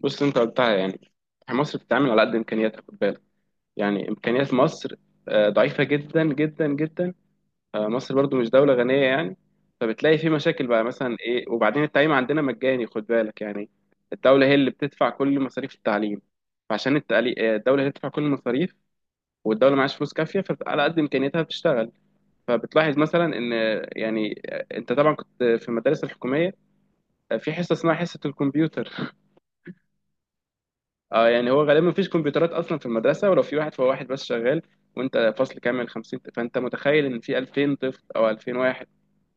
بص انت قلتها يعني. مصر بتتعامل على قد امكانياتها، خد بالك. يعني امكانيات مصر ضعيفه جدا جدا جدا. مصر برضو مش دوله غنيه يعني. فبتلاقي في مشاكل بقى، مثلا ايه. وبعدين التعليم عندنا مجاني، خد بالك يعني. الدوله هي اللي بتدفع كل مصاريف التعليم. فعشان الدوله هي اللي بتدفع كل المصاريف. والدوله معهاش فلوس كافيه، فعلى قد امكانياتها بتشتغل. فبتلاحظ مثلا ان انت طبعا كنت في المدارس الحكوميه. في حصه اسمها حصه الكمبيوتر. اه يعني هو غالبا مفيش كمبيوترات اصلا في المدرسه، ولو في واحد فهو واحد بس شغال. وانت فصل كامل 50. فانت متخيل ان في 2000 طفل او 2000 واحد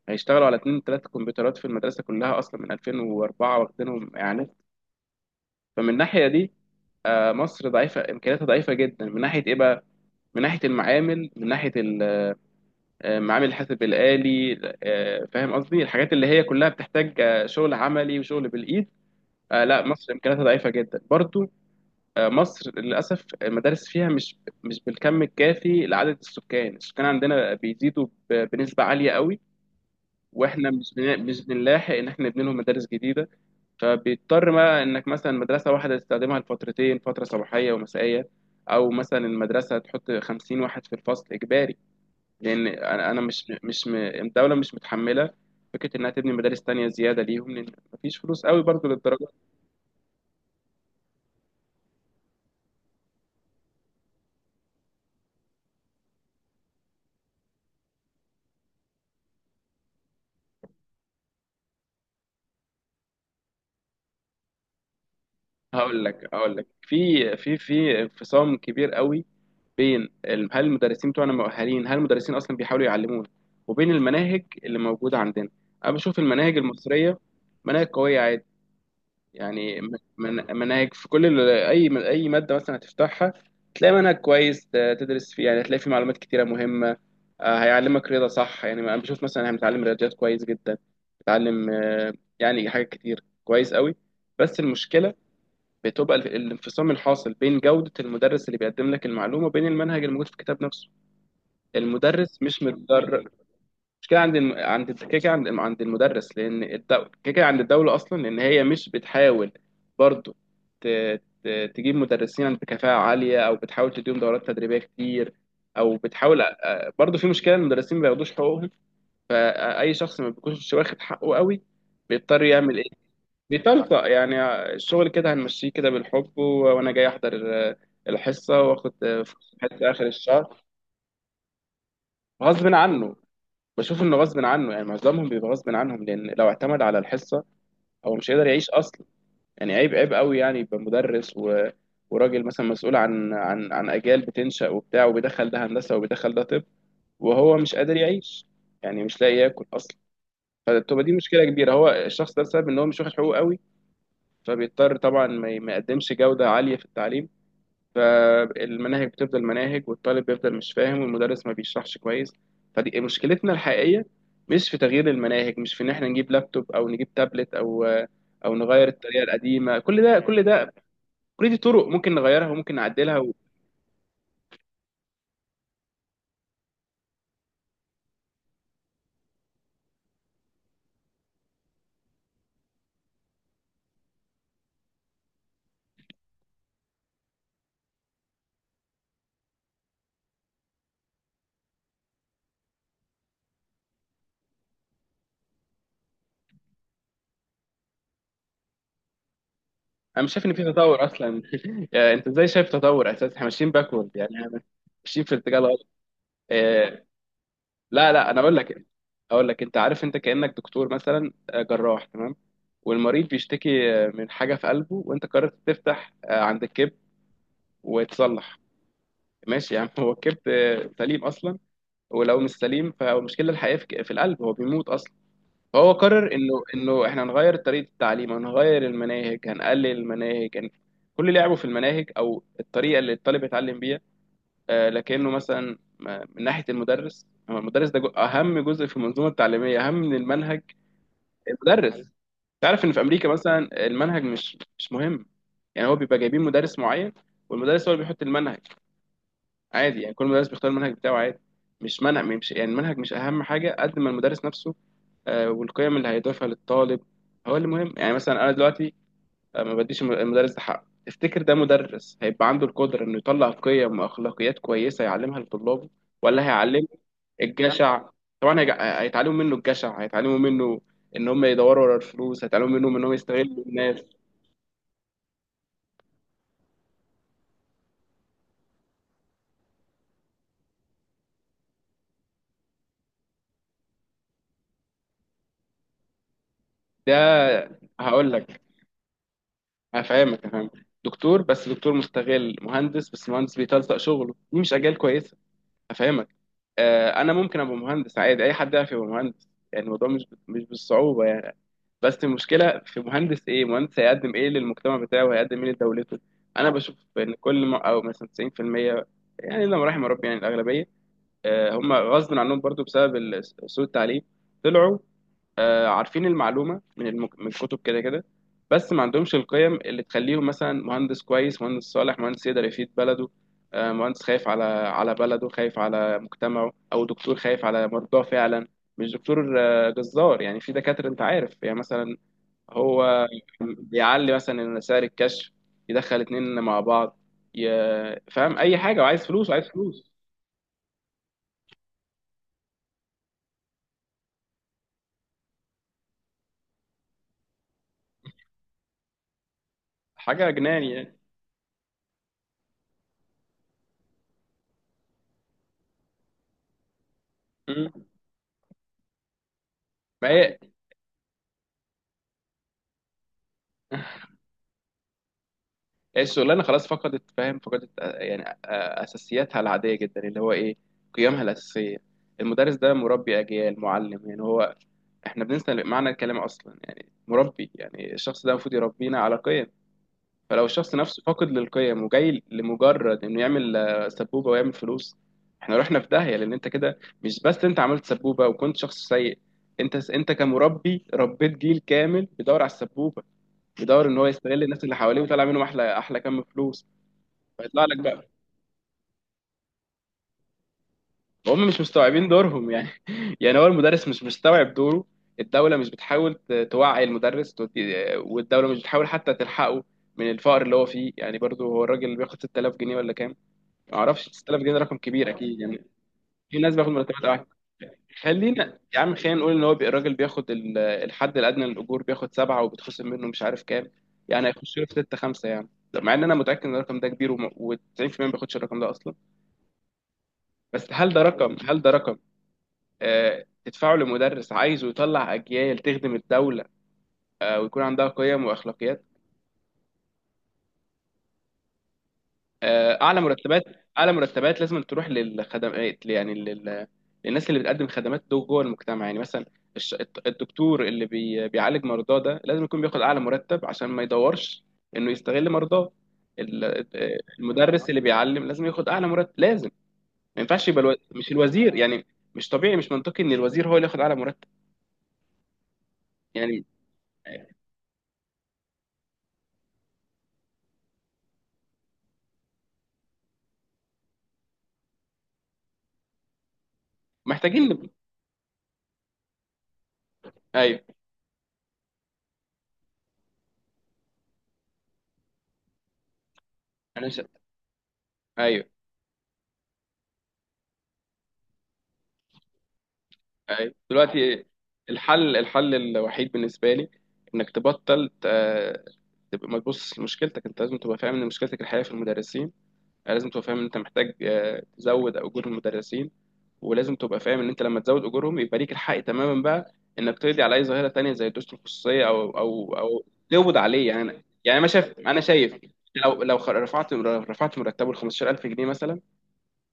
هيشتغلوا على اتنين تلات كمبيوترات في المدرسه كلها؟ اصلا من 2004 واخدينهم اعلانات. فمن الناحيه دي، مصر ضعيفه، امكانياتها ضعيفه جدا. من ناحيه ايه بقى؟ من ناحيه المعامل، من ناحيه معامل الحاسب الالي. فاهم قصدي، الحاجات اللي هي كلها بتحتاج شغل عملي وشغل بالايد. لا، مصر امكانياتها ضعيفه جدا برضو. مصر للأسف المدارس فيها مش بالكم الكافي لعدد السكان. السكان عندنا بيزيدوا بنسبة عالية قوي. واحنا مش بنلاحق ان احنا نبني لهم مدارس جديده. فبيضطر بقى انك مثلا مدرسه واحده تستخدمها لفترتين، فتره صباحيه ومسائيه. او مثلا المدرسه تحط 50 واحد في الفصل اجباري. لان انا أنا مش مش م- الدوله مش متحمله فكره انها تبني مدارس تانية زياده ليهم، لان مفيش فلوس قوي برضو للدرجه. هقول لك في انفصام كبير قوي بين هل المدرسين بتوعنا مؤهلين، هل المدرسين اصلا بيحاولوا يعلمونا، وبين المناهج اللي موجوده عندنا. انا بشوف المناهج المصريه مناهج قويه عادي. يعني مناهج في كل اي ماده مثلا هتفتحها تلاقي منهج كويس تدرس فيه. يعني تلاقي فيه معلومات كتيره مهمه. هيعلمك رياضه صح. يعني انا بشوف مثلا هنتعلم رياضيات كويس جدا. بتعلم، يعني حاجات كتير كويس قوي. بس المشكله بتبقى الانفصام الحاصل بين جودة المدرس اللي بيقدم لك المعلومة وبين المنهج الموجود في الكتاب نفسه. المدرس مش متدرب. مش كده، عند الم... عند الد- كده كده عند المدرس، لأن كده كده عند الدولة أصلا، لأن هي مش بتحاول برضو ت... ت... تجيب مدرسين بكفاءة عالية، أو بتحاول تديهم دورات تدريبية كتير، أو بتحاول. برضو في مشكلة، المدرسين ما بياخدوش حقوقهم. فأي شخص ما بيكونش واخد حقه قوي بيضطر يعمل، بيتلقى يعني الشغل كده هنمشيه كده بالحب، وانا جاي احضر آه، الحصه، واخد فلوس حتى اخر الشهر. غصب عنه. بشوف انه غصب عنه، يعني معظمهم بيبقى غصب عنهم، لان لو اعتمد على الحصه هو مش هيقدر يعيش اصلا. يعني عيب عيب قوي، يعني يبقى مدرس وراجل مثلا مسؤول عن اجيال بتنشأ وبتاع، وبيدخل ده هندسه وبيدخل ده طب، وهو مش قادر يعيش، يعني مش لاقي ياكل اصلا. فبتبقى دي مشكله كبيره. هو الشخص ده بسبب ان هو مش واخد حقوقه قوي فبيضطر طبعا ما يقدمش جودة عالية في التعليم. فالمناهج بتفضل مناهج، والطالب بيفضل مش فاهم، والمدرس ما بيشرحش كويس. فدي مشكلتنا الحقيقية، مش في تغيير المناهج، مش في ان احنا نجيب لابتوب او نجيب تابلت، او نغير الطريقة القديمة. كل ده كل ده، كل دي طرق ممكن نغيرها وممكن نعدلها و... انا مش شايف ان في تطور اصلا. يعني انت ازاي شايف تطور؟ اساسا احنا ماشيين باكورد، يعني إحنا ماشيين في اتجاه غلط. آه، لا، لا، انا اقول لك. انت عارف، انت كانك دكتور مثلا، جراح، تمام. والمريض بيشتكي من حاجه في قلبه، وانت قررت تفتح عند الكبد وتصلح. ماشي يا عم. هو الكبد سليم اصلا، ولو مش سليم فالمشكله الحقيقيه في القلب، هو بيموت اصلا. فهو قرر انه احنا هنغير طريقه التعليم، هنغير المناهج، هنقلل المناهج، كل لعبه في المناهج او الطريقه اللي الطالب يتعلم بيها. لكنه مثلا، من ناحية المدرس، هو المدرس ده أهم جزء في المنظومة التعليمية، أهم من المنهج. المدرس، تعرف إن في أمريكا مثلا المنهج مش مهم. يعني هو بيبقى جايبين مدرس معين، والمدرس هو اللي بيحط المنهج عادي. يعني كل مدرس بيختار المنهج بتاعه عادي. مش منهج، مش يعني. المنهج مش أهم حاجة قد ما المدرس نفسه. والقيم اللي هيضيفها للطالب هو اللي مهم. يعني مثلا أنا دلوقتي ما بديش المدرس ده حقه. تفتكر ده مدرس هيبقى عنده القدرة إنه يطلع قيم وأخلاقيات كويسة يعلمها لطلابه، ولا هيعلمه الجشع؟ طبعا هيتعلموا منه الجشع، هيتعلموا منه ان هم يدوروا ورا الفلوس، هيتعلموا منهم ان هم يستغلوا الناس، ده. هقول لك، هفهمك. دكتور بس دكتور مستغل، مهندس بس مهندس بيتلصق شغله، دي مش اجيال كويسه. هفهمك. انا ممكن ابقى مهندس عادي، اي حد يعرف يبقى مهندس. يعني الموضوع مش بالصعوبه يعني. بس المشكله في مهندس ايه، مهندس هيقدم ايه للمجتمع بتاعه وهيقدم ايه لدولته؟ انا بشوف ان كل ما، او مثلا 90%، يعني لما رحم ربي يعني الاغلبيه، هم غصب عنهم برضو بسبب سوء التعليم. طلعوا عارفين المعلومة من الكتب كده كده، بس ما عندهمش القيم اللي تخليهم مثلا مهندس كويس، مهندس صالح، مهندس يقدر يفيد بلده. مهندس خايف على بلده، خايف على مجتمعه، أو دكتور خايف على مرضاه فعلا. مش دكتور جزار. يعني في دكاترة أنت عارف، يعني مثلا هو بيعلي مثلا سعر الكشف، يدخل اتنين مع بعض، فاهم أي حاجة، وعايز فلوس وعايز فلوس. حاجة جنان يعني. ما هي الشغلانه خلاص فقدت، فاهم، فقدت اساسياتها العاديه جدا اللي هو ايه، قيمها الاساسيه. المدرس ده مربي اجيال، معلم يعني. هو احنا بننسى معنى الكلام اصلا، يعني مربي يعني الشخص ده المفروض يربينا على قيم. فلو الشخص نفسه فاقد للقيم وجاي لمجرد انه يعمل سبوبه ويعمل فلوس، احنا رحنا في داهيه، لان انت كده مش بس انت عملت سبوبه وكنت شخص سيء، انت، كمربي ربيت جيل كامل بيدور على السبوبه، بيدور ان هو يستغل الناس اللي حواليه ويطلع منهم احلى احلى كم فلوس، فيطلع لك بقى. هم مش مستوعبين دورهم يعني. يعني هو المدرس مش مستوعب دوره. الدولة مش بتحاول توعي المدرس والدولة مش بتحاول حتى تلحقه من الفقر اللي هو فيه. يعني برضه هو الراجل اللي بياخد 6000 جنيه ولا كام، ما اعرفش. 6000 جنيه ده رقم كبير اكيد يعني. في ناس بياخد مرتبات. خلينا يا عم، خلينا نقول ان هو الراجل بياخد الحد الادنى للاجور، بياخد سبعه وبيتخصم منه مش عارف كام، يعني هيخش له في سته خمسه يعني. طب مع ان انا متاكد ان الرقم ده كبير، و90% ما بياخدش الرقم ده اصلا. بس هل ده رقم، هل ده رقم تدفعه لمدرس عايزه يطلع اجيال تخدم الدوله ويكون عندها قيم واخلاقيات؟ اعلى مرتبات. اعلى مرتبات لازم تروح للخدمات، يعني للناس اللي بتقدم خدمات دول جوه المجتمع، يعني مثلا الدكتور اللي بيعالج مرضاه ده لازم يكون بياخد اعلى مرتب عشان ما يدورش انه يستغل مرضاه. ال- المدرس اللي بيعلم لازم ياخد اعلى مرتب، لازم. ما ينفعش يبقى مش الوزير يعني. مش طبيعي، مش منطقي ان الوزير هو اللي ياخد اعلى مرتب يعني. محتاجين نب- ايوه. انا ش... ايوه. أيوة. دلوقتي الحل الوحيد بالنسبه لي انك تبطل، تبقى ما تبص لمشكلتك انت، لازم تبقى فاهم ان مشكلتك الحقيقيه في المدرسين. يعني لازم تبقى فاهم ان انت محتاج تزود اجور المدرسين، ولازم تبقى فاهم ان انت لما تزود اجورهم يبقى ليك الحق تماما بقى انك تقضي على اي ظاهره تانية زي الدروس الخصوصيه او تقبض عليه يعني. انا شايف. لو رفعت مرتبه ل 15000 جنيه مثلا،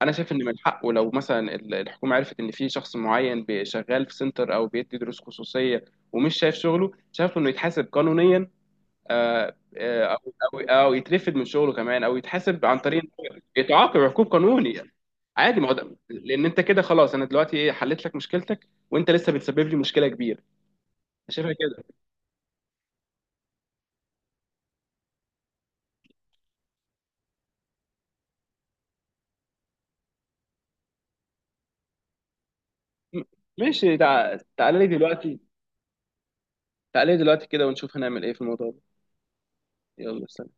انا شايف ان من حقه لو مثلا الحكومه عرفت ان في شخص معين شغال في سنتر او بيدي دروس خصوصيه ومش شايف شغله، شايف انه يتحاسب قانونيا، آه، آه، او او يترفد من شغله كمان، او يتحاسب عن طريق إنه يتعاقب عقوب قانوني. عادي، ما هو ده. لان انت كده خلاص، انا دلوقتي ايه، حليت لك مشكلتك وانت لسه بتسبب لي مشكله كبيره. أنا شايفها كده. م- ماشي. تعالى لي دلوقتي، تعالى لي دلوقتي كده ونشوف هنعمل ايه في الموضوع ده. يلا، سلام.